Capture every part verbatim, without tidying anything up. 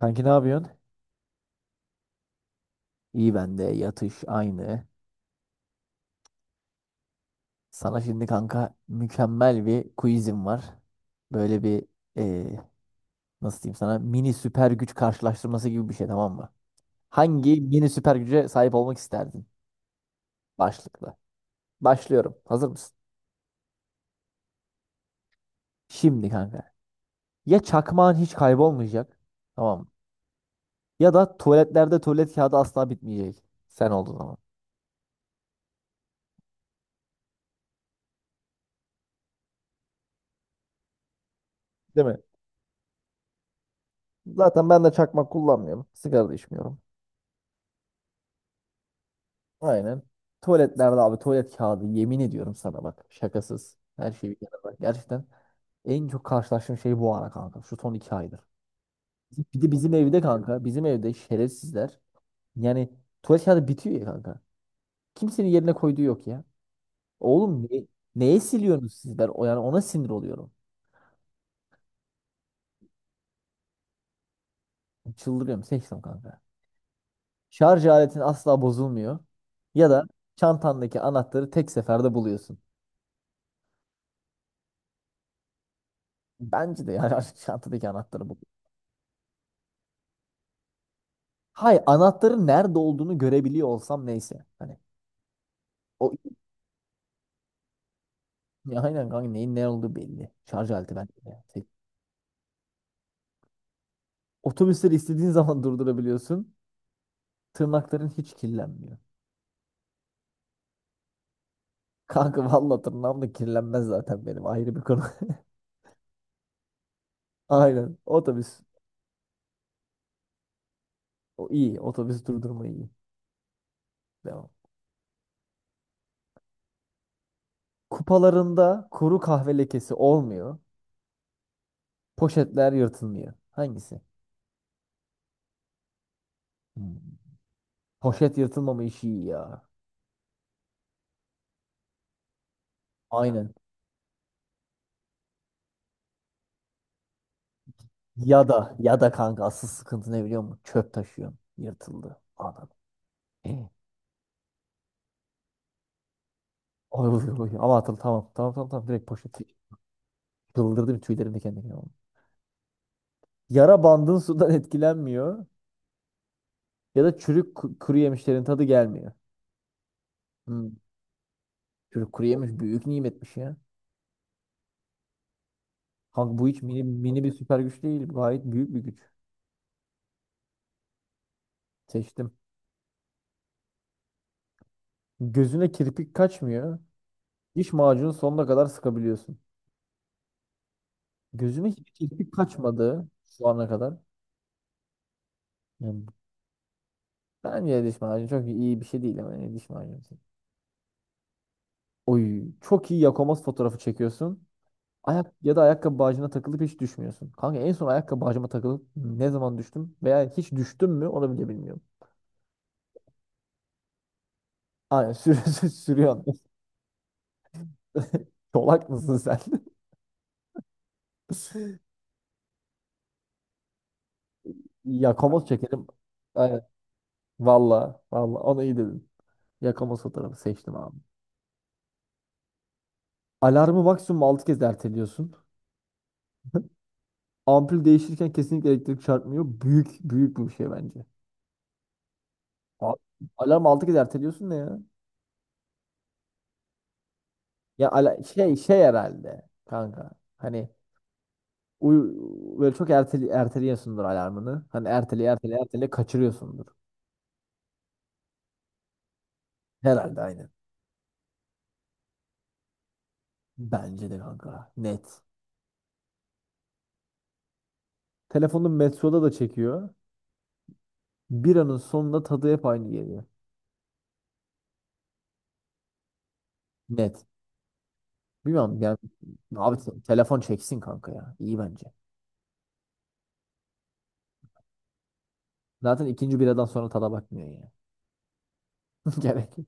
Kanki ne yapıyorsun? İyi ben de yatış aynı. Sana şimdi kanka mükemmel bir quizim var. Böyle bir eee, nasıl diyeyim sana mini süper güç karşılaştırması gibi bir şey, tamam mı? Hangi mini süper güce sahip olmak isterdin? Başlıklı. Başlıyorum. Hazır mısın? Şimdi kanka, ya çakmağın hiç kaybolmayacak, tamam mı? Ya da tuvaletlerde tuvalet kağıdı asla bitmeyecek. Sen olduğun zaman. Değil mi? Zaten ben de çakmak kullanmıyorum. Sigara da içmiyorum. Aynen. Tuvaletlerde abi tuvalet kağıdı, yemin ediyorum sana bak. Şakasız. Her şeyi bir kenara bak. Gerçekten en çok karşılaştığım şey bu ara kanka. Şu son iki aydır. Bir de bizim evde kanka. Bizim evde şerefsizler. Yani tuvalet kağıdı bitiyor ya kanka. Kimsenin yerine koyduğu yok ya. Oğlum ne, neye siliyorsunuz siz? Ben o, yani ona sinir oluyorum. Çıldırıyorum. Seçtim kanka. Şarj aletin asla bozulmuyor. Ya da çantandaki anahtarı tek seferde buluyorsun. Bence de yani çantadaki anahtarı bul. Hay anahtarın nerede olduğunu görebiliyor olsam neyse. Hani o ya aynen kanka, neyin ne olduğu belli. Şarj aleti ben. Otobüsleri istediğin zaman durdurabiliyorsun. Tırnakların hiç kirlenmiyor. Kanka valla tırnağım da kirlenmez zaten, benim ayrı bir konu. Aynen otobüs. O iyi, otobüs durdurma iyi. Devam. Kupalarında kuru kahve lekesi olmuyor. Poşetler yırtılmıyor. Hangisi? Hmm. Poşet yırtılmama işi iyi ya. Aynen. Ya da ya da kanka asıl sıkıntı ne biliyor musun? Çöp taşıyorsun. Yırtıldı. Anam. Ay, oy, oy. Ama atıl tamam. Tamam tamam tamam. Direkt poşet. Çıldırdım, tüylerim diken diken oldu. Yara bandın sudan etkilenmiyor. Ya da çürük ku- kuru yemişlerin tadı gelmiyor. Hmm. Çürük kuru yemiş büyük nimetmiş ya. Kanka bu hiç mini, mini bir süper güç değil. Gayet büyük bir güç. Seçtim. Gözüne kirpik kaçmıyor. Diş macunu sonuna kadar sıkabiliyorsun. Gözüme hiç kirpik kaçmadı şu ana kadar. Yani bence diş macunu çok iyi bir şey değil, ama ne diş macunu. Oy çok iyi Yakomaz fotoğrafı çekiyorsun. Ayak ya da ayakkabı bağcığına takılıp hiç düşmüyorsun. Kanka en son ayakkabı bağcığıma takılıp ne zaman düştüm veya hiç düştüm mü onu bile bilmiyorum. Aynen sür sür- sürüyorsun. Çolak mısın sen? Yakomaz çekelim. Aynen. Valla valla onu iyi dedin. Yakomaz fotoğrafı seçtim abi. Alarmı maksimum altı kez erteliyorsun. Ampul değişirken kesinlikle elektrik çarpmıyor. Büyük büyük bir şey bence. A- Alarm altı kez erteliyorsun ne ya? Ya ala- şey şey herhalde kanka. Hani uy böyle çok erteli erteliyorsundur alarmını. Hani erteli erteli erteli kaçırıyorsundur. Herhalde aynı. Bence de kanka. Net. Telefonun metroda da çekiyor. Bir anın sonunda tadı hep aynı geliyor. Net. Bilmiyorum yani abi, te- telefon çeksin kanka ya. İyi bence. Zaten ikinci biradan sonra tada bakmıyor ya. Gerek yok.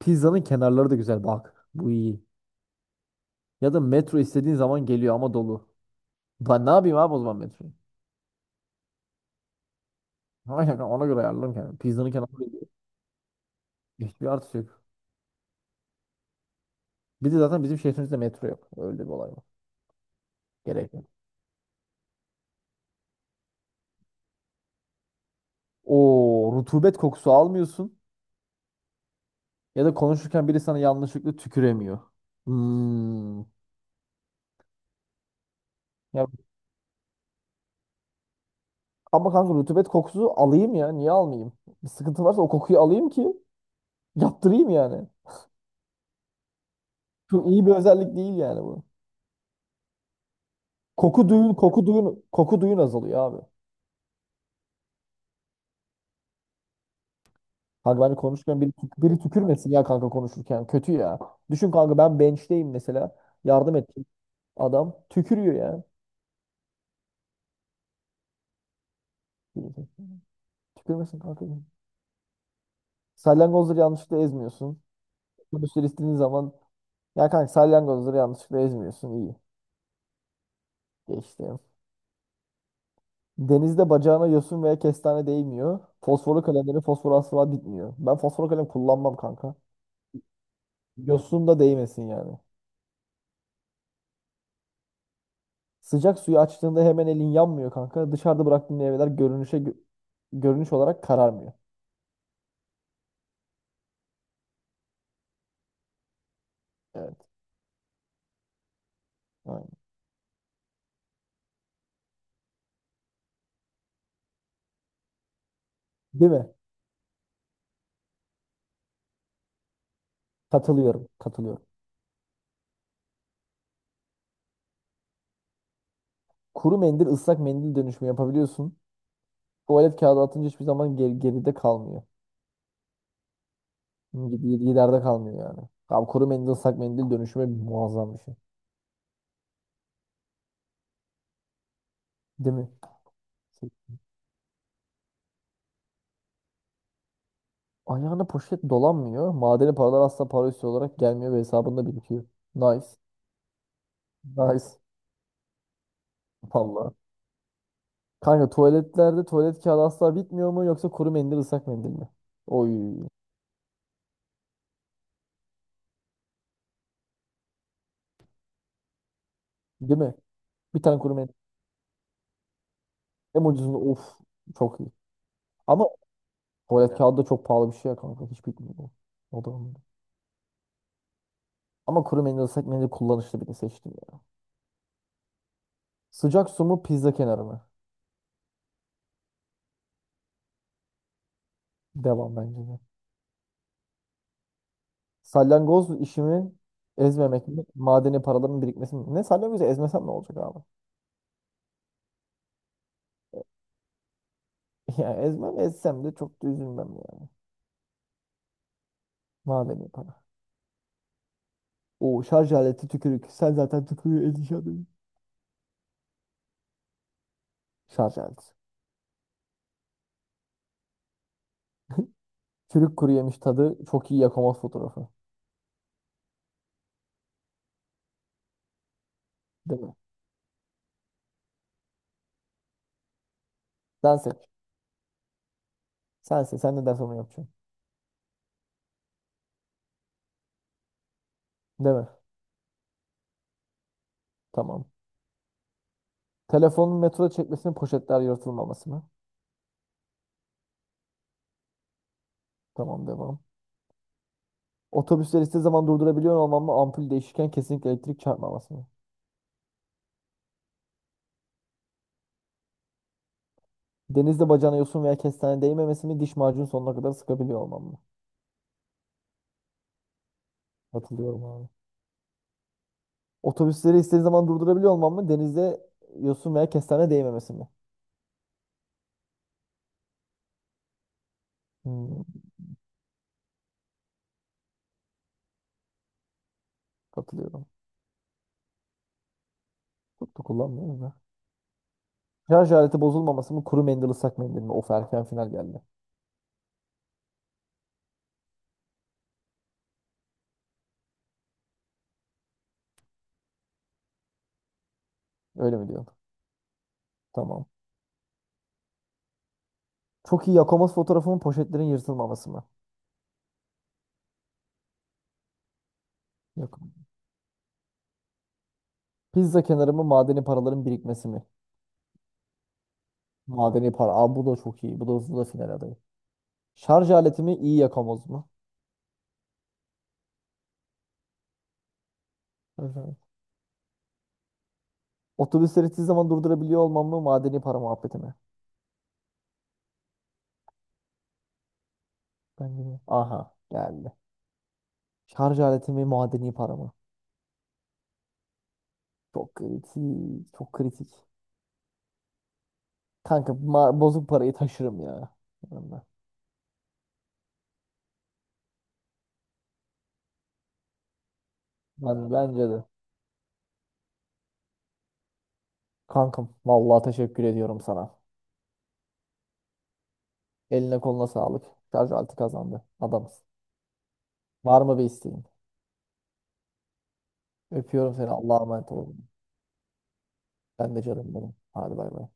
Pizzanın kenarları da güzel bak. Bu iyi. Ya da metro istediğin zaman geliyor ama dolu. Ben ne yapayım abi o zaman metro? Ama yani ona göre ayarlarım kendimi. Pizzanın kenarında hiçbir artısı yok. Bir de zaten bizim şehrimizde metro yok. Öyle bir olay var. Gerek yok. O rutubet kokusu almıyorsun. Ya da konuşurken biri sana yanlışlıkla tüküremiyor. Hmm. Ya, ama kanka rutubet kokusu alayım ya. Niye almayayım? Bir sıkıntı varsa o kokuyu alayım ki yaptırayım yani. Çok iyi bir özellik değil yani bu. Koku duyun, koku duyun, koku duyun azalıyor abi. Kanka ben de konuşurken biri, tük- biri tükürmesin ya kanka konuşurken. Kötü ya. Düşün kanka ben bench'teyim mesela. Yardım ettim. Adam tükürüyor ya. Tükürmesin kanka. Salyangozları yanlışlıkla ezmiyorsun. Otobüsleri istediğin zaman, ya kanka salyangozları yanlışlıkla ezmiyorsun. İyi. Geçtim. Denizde bacağına yosun veya kestane değmiyor. Fosforlu kalemlerin fosforu asla bitmiyor. Ben fosforlu kalem kullanmam kanka. Yosun da değmesin yani. Sıcak suyu açtığında hemen elin yanmıyor kanka. Dışarıda bıraktığın meyveler görünüşe gö- görünüş olarak kararmıyor. Evet. Aynen. Değil mi? Katılıyorum. Katılıyorum. Kuru mendil ıslak mendil dönüşümü yapabiliyorsun. Tuvalet kağıdı atınca hiçbir zaman geri- geride kalmıyor. Gid- Giderde kalmıyor yani. Abi kuru mendil ıslak mendil dönüşümü muazzam bir şey. Değil mi? Ayağına poşet dolanmıyor. Madeni paralar asla para üstü olarak gelmiyor ve hesabında birikiyor. Nice. Nice. Vallahi. Kanka tuvaletlerde tuvalet kağıdı asla bitmiyor mu yoksa kuru mendil ıslak mendil mi? Oy. Değil mi? Bir tane kuru mendil. Hem ucuzunda of çok iyi. Ama tuvalet kağıdı da çok pahalı bir şey ya kanka. Hiç bitmiyor bu. O da olmadı. Ama kuru mendil ıslak mendil kullanışlı, birini seçtim ya. Sıcak su mu pizza kenarı mı? Devam bence de. Salyangoz işimi ezmemek mi? Madeni paraların birikmesi mi? Ne, salyangozu ezmesem ne olacak abi? Ya ezmem, ezsem de çok da üzülmem yani. Madeni para. O şarj aleti tükürük. Sen zaten tükürüğü edeceğim. Şarj aleti. Çürük kuru yemiş tadı çok iyi yakamaz fotoğrafı. Değil mi? Sen seç. Sen seç. Sen ne dersen onu yapacaksın. Değil mi? Tamam. Telefonun metroda çekmesinin poşetler yırtılmaması mı? Tamam devam. Otobüsleri istediği zaman durdurabiliyor olmam mı? Ampul değişirken kesinlikle elektrik çarpmaması mı? Denizde bacağına yosun veya kestane değmemesi mi? Diş macunu sonuna kadar sıkabiliyor olmam mı? Hatırlıyorum abi. Otobüsleri istediği zaman durdurabiliyor olmam mı? Denizde yosun veya kestane değmemesi mi? Hmm. Katılıyorum. Çok da kullanmıyoruz da. Şarj aleti bozulmaması mı kuru mendil ıslak mendil mi? Of, erken final geldi. Öyle mi diyorsun? Tamam. Çok iyi Yakomaz fotoğrafımın poşetlerin yırtılmaması mı? Yok. Pizza kenarı mı madeni paraların birikmesi mi? Madeni para. Aa, bu da çok iyi. Bu da hızlı da final adayı. Şarj aleti mi iyi Yakomaz mı? Şarj aleti. Otobüsleri hiçbir zaman durdurabiliyor olmam mı, madeni para muhabbeti mi? Bence de. Aha geldi. Şarj aleti mi madeni para mı? Çok kritik. Çok kritik. Kanka ma- bozuk parayı taşırım ya yanımda. Ben, bence de. Kankam vallahi teşekkür ediyorum sana. Eline koluna sağlık. Şarj altı kazandı. Adamız. Var mı bir isteğin? Öpüyorum seni. Allah'a emanet olun. Ben de canım benim. Hadi bay bay.